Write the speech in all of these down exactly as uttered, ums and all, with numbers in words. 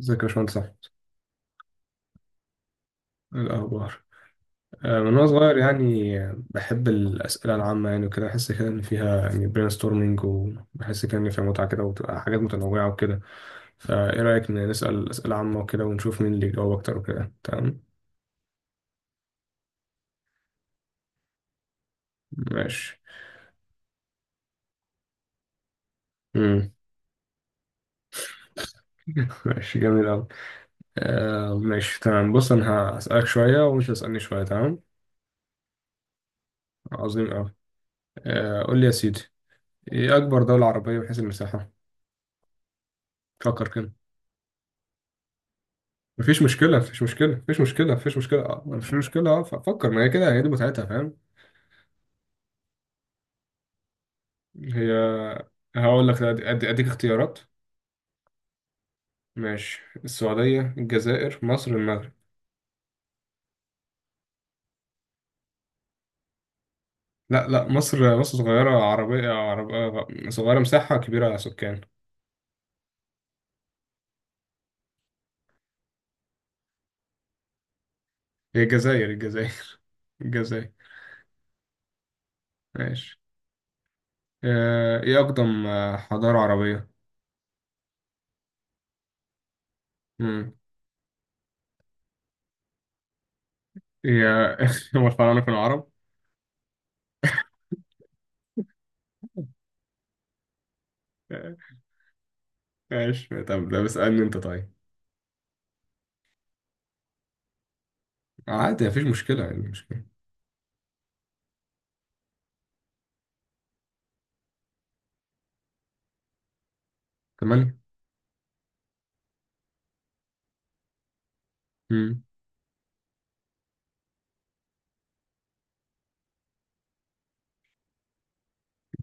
ازيك يا باشمهندس أحمد؟ إيه الأخبار؟ آه، من وأنا صغير، يعني آه، بحب الأسئلة العامة، يعني وكده بحس كده إن فيها يعني برين ستورمينج، وبحس كده إن فيها متعة كده، وبتبقى حاجات متنوعة وكده. فإيه رأيك إن نسأل أسئلة عامة وكده ونشوف مين اللي يجاوب أكتر وكده؟ تمام ماشي. مم. ماشي، جميل أوي. آه ماشي تمام، بص أنا هسألك شوية ومش هتسألني شوية، تمام. عظيم أوي. آه، قول لي يا سيدي، إيه أكبر دولة عربية من حيث المساحة؟ فكر كده، مفيش مشكلة مفيش مشكلة مفيش مشكلة مفيش مشكلة، اه مفيش مشكلة، اه فكر، ما هي كده، هي دي متعتها، فاهم. هي، هقول لك أدي- أدي- اديك اختيارات. ماشي، السعودية، الجزائر، مصر، المغرب. لا لا، مصر مصر صغيرة، عربية عربية صغيرة، مساحة كبيرة سكان. هي الجزائر، الجزائر الجزائر. ماشي. آه، ايه أقدم آه، حضارة عربية؟ مم. هي. هم الفراعنة كانوا عرب؟ ماشي، طب ده بسألني انت طيب. عادي مفيش مشكلة، يعني مشكلة كمان؟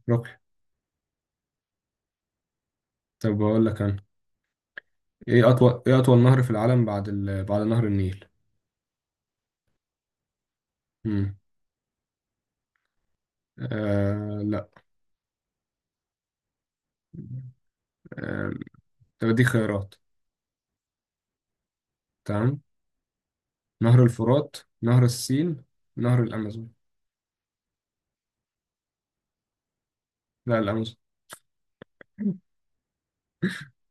رقي. طب بقول لك انا، ايه اطول ايه اطول نهر في العالم بعد ال... بعد نهر النيل؟ امم آه... لا. آه... طب اديك خيارات، تمام. نهر الفرات، نهر السين، نهر الامازون. لا، الامازون.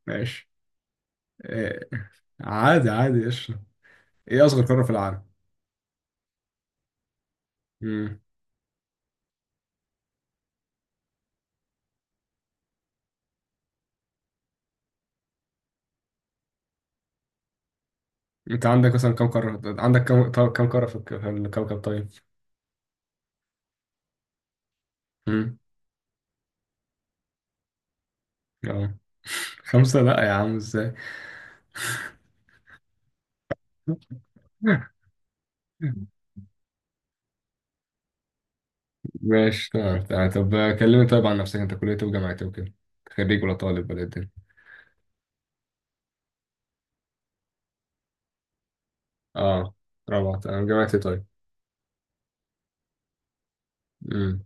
ماشي. آه... عادي عادي، ايش ايه اصغر قارة في العالم؟ امم انت عندك مثلا كم قارة، عندك كم؟ طب- كم قارة في الك- في الكوكب طيب؟ امم اه خمسة؟ لا يا عم، ازاي؟ ماشي تمام تمام. طب كلمني طيب عن نفسك، انت كلية ايه وجامعة ايه وكده؟ خريج ولا طالب ولا ايه الدنيا؟ اه، رابعة تمام. جامعة ايه طيب؟ امم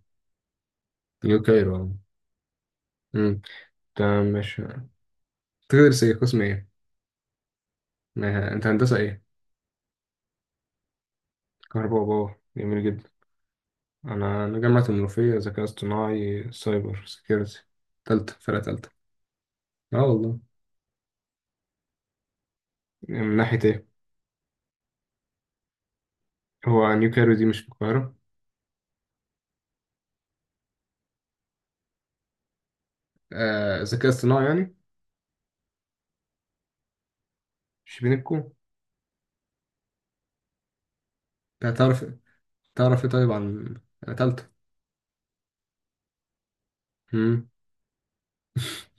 يو كايرو، اه. امم، تمام ماشي. تدرس ايه، قسم ايه؟ ما- انت هندسة ايه؟ كهرباء وباور، جميل جدا. انا انا جامعة المنوفية، ذكاء اصطناعي سايبر سيكيورتي، تالتة، فرقة تالتة. اه والله. من ناحية ايه؟ هو نيو كايرو دي مش في القاهرة؟ آه، ذكاء اصطناعي يعني شبينكو. تعرف تعرف ايه طيب عن، تالتة. امم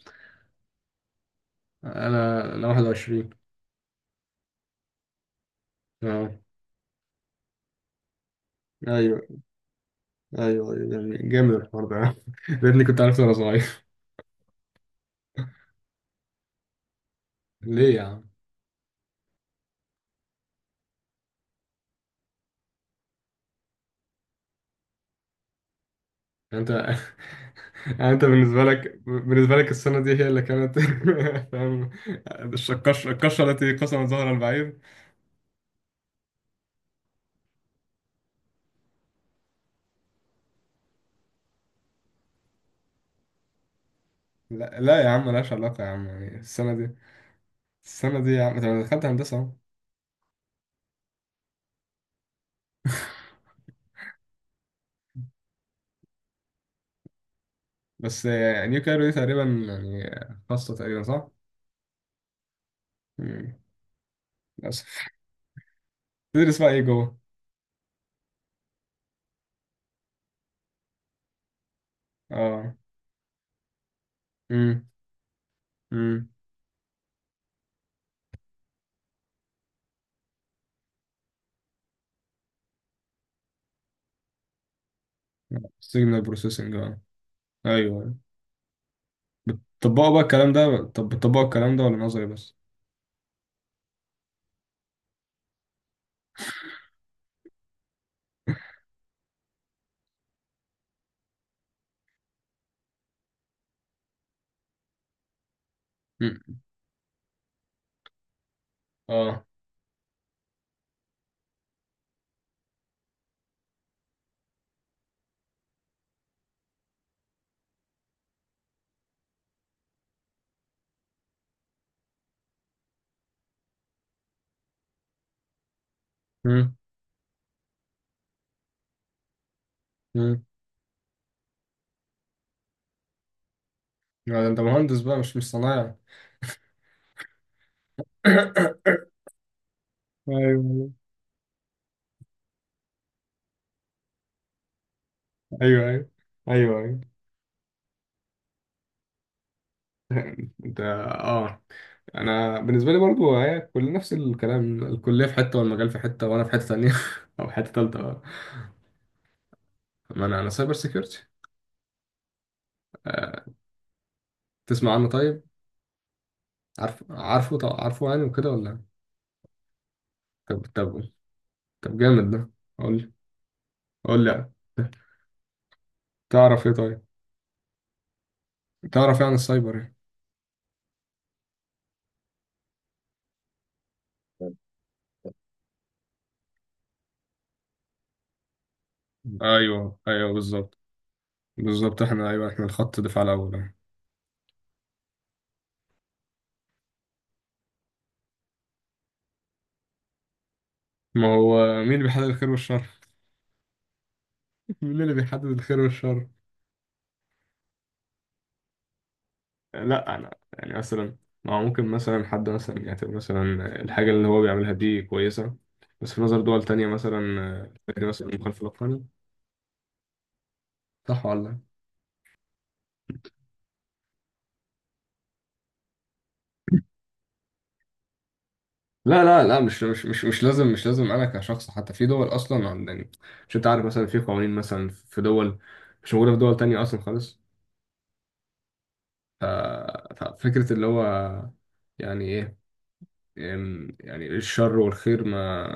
انا انا واحد وعشرين. اه. ايوه ايوه ايوه، يعني جامد الحوار ده لاني كنت عارف وانا صغير. ليه يا عم؟ يعني انت انت بالنسبه لك بالنسبه لك السنه دي هي اللي كانت فاهم. القشره القشره التي قسمت ظهر البعير. لا لا يا عم، ملهاش علاقه يا عم، يعني السنه دي السنه دي يا عم انت دخلت هندسه اهو. بس آه، نيو كايرو دي تقريبا، يعني خاصه تقريبا، صح؟ مم. للاسف. تدرس بقى ايه جوه؟ اه. امم امم سيجنال بروسيسنج، ايوه. أيوه. بتطبقوا بقى الكلام ده؟ طب بتطبقوا الكلام ده ولا نظري بس؟ مم. اه. مم. مم. ده انت مهندس بقى، مش مش صنايعي. ايوه ايوه ايوه ايوه ايوه. انت اه، انا بالنسبه لي برضو هي كل نفس الكلام، الكليه في حته والمجال في حته وانا في حته ثانيه او حته ثالثه بقى. ما انا انا سايبر سيكيورتي. آه. تسمع عنه طيب؟ عارف عارفه، طب عارفه يعني وكده ولا؟ طب طب طب جامد ده، قول لي، قول لي يعني. تعرف ايه طيب تعرف ايه عن السايبر؟ ايوه ايوه، بالظبط بالظبط. احنا ايوه، احنا الخط دفاع الاول أهو. ما هو مين اللي بيحدد الخير والشر؟ مين اللي بيحدد الخير والشر؟ لا انا يعني مثلا، ما هو ممكن مثلا حد مثلا يعتبر مثلا الحاجه اللي هو بيعملها دي كويسه، بس في نظر دول تانية مثلا فكرة مثلا مخالفه للقانون. صح ولا؟ لا لا لا لا، مش مش مش مش لازم، مش لازم انا كشخص، حتى في دول اصلا، عن- يعني، مش انت عارف مثلا في قوانين مثلا في دول مش موجوده في دول تانية اصلا خالص. ف- ففكره اللي هو، يعني ايه، أم، يعني الشر والخير، ما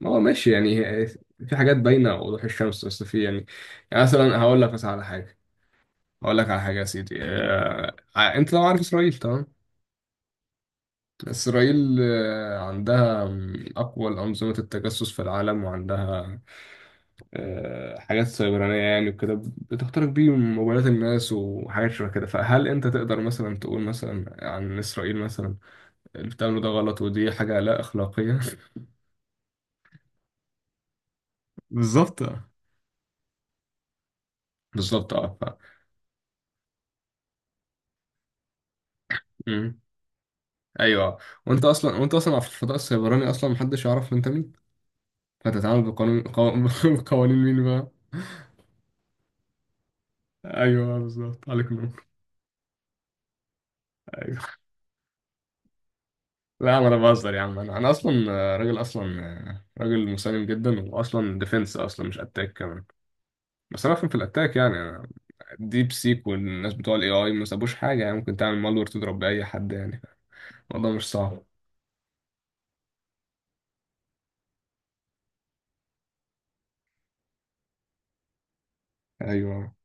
ما هو ماشي، يعني هي- في حاجات باينة وضوح الشمس، بس في يعني، يعني مثلا هقول لك مثلا على حاجة هقول لك على حاجة يا سيدي. آه، ع- انت لو عارف اسرائيل، تمام. اسرائيل آه، عندها م، اقوى انظمة التجسس في العالم، وعندها آه، حاجات سيبرانية يعني وكده، بتخترق بيهم موبايلات الناس وحاجات شبه كده. فهل انت تقدر مثلا تقول مثلا عن اسرائيل مثلا اللي بتعمله ده غلط، ودي حاجة لا اخلاقية؟ بالظبط بالظبط، اه ف... مم. ايوه. وانت اصلا، وانت اصلا في الفضاء السيبراني اصلا محدش يعرف انت مين، فتتعامل بقانون قو- بقوانين مين بقى؟ ايوه بالظبط، عليك نور. ايوه. لا انا بهزر يا عم، انا انا اصلا آه، راجل، اصلا آه، راجل مسالم جدا، واصلا ديفنس اصلا، مش اتاك كمان. بس انا افهم في الاتاك، يعني ديب سيك والناس بتوع الاي اي ما سابوش حاجه، يعني ممكن تعمل مالور تضرب باي حد، يعني الموضوع مش صعب. ايوه.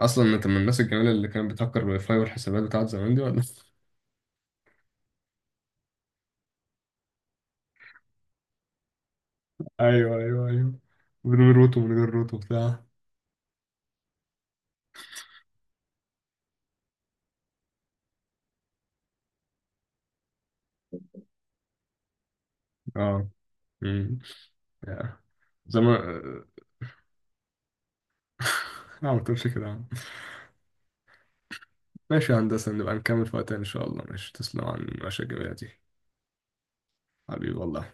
اصلا انت من الناس الجميله اللي كانت بتهكر الواي فاي والحسابات بتاعت زمان دي ولا؟ ايوه ايوه ايوه، من غير روتو، من غير روتو بتاع. اه امم يا. زي ما لا ما تقولش كده يا عم. ماشي يا هندسة، نبقى نكمل في وقت تاني ان شاء الله. ماشي، تسلم عن المشاكل دي. حبيبي والله.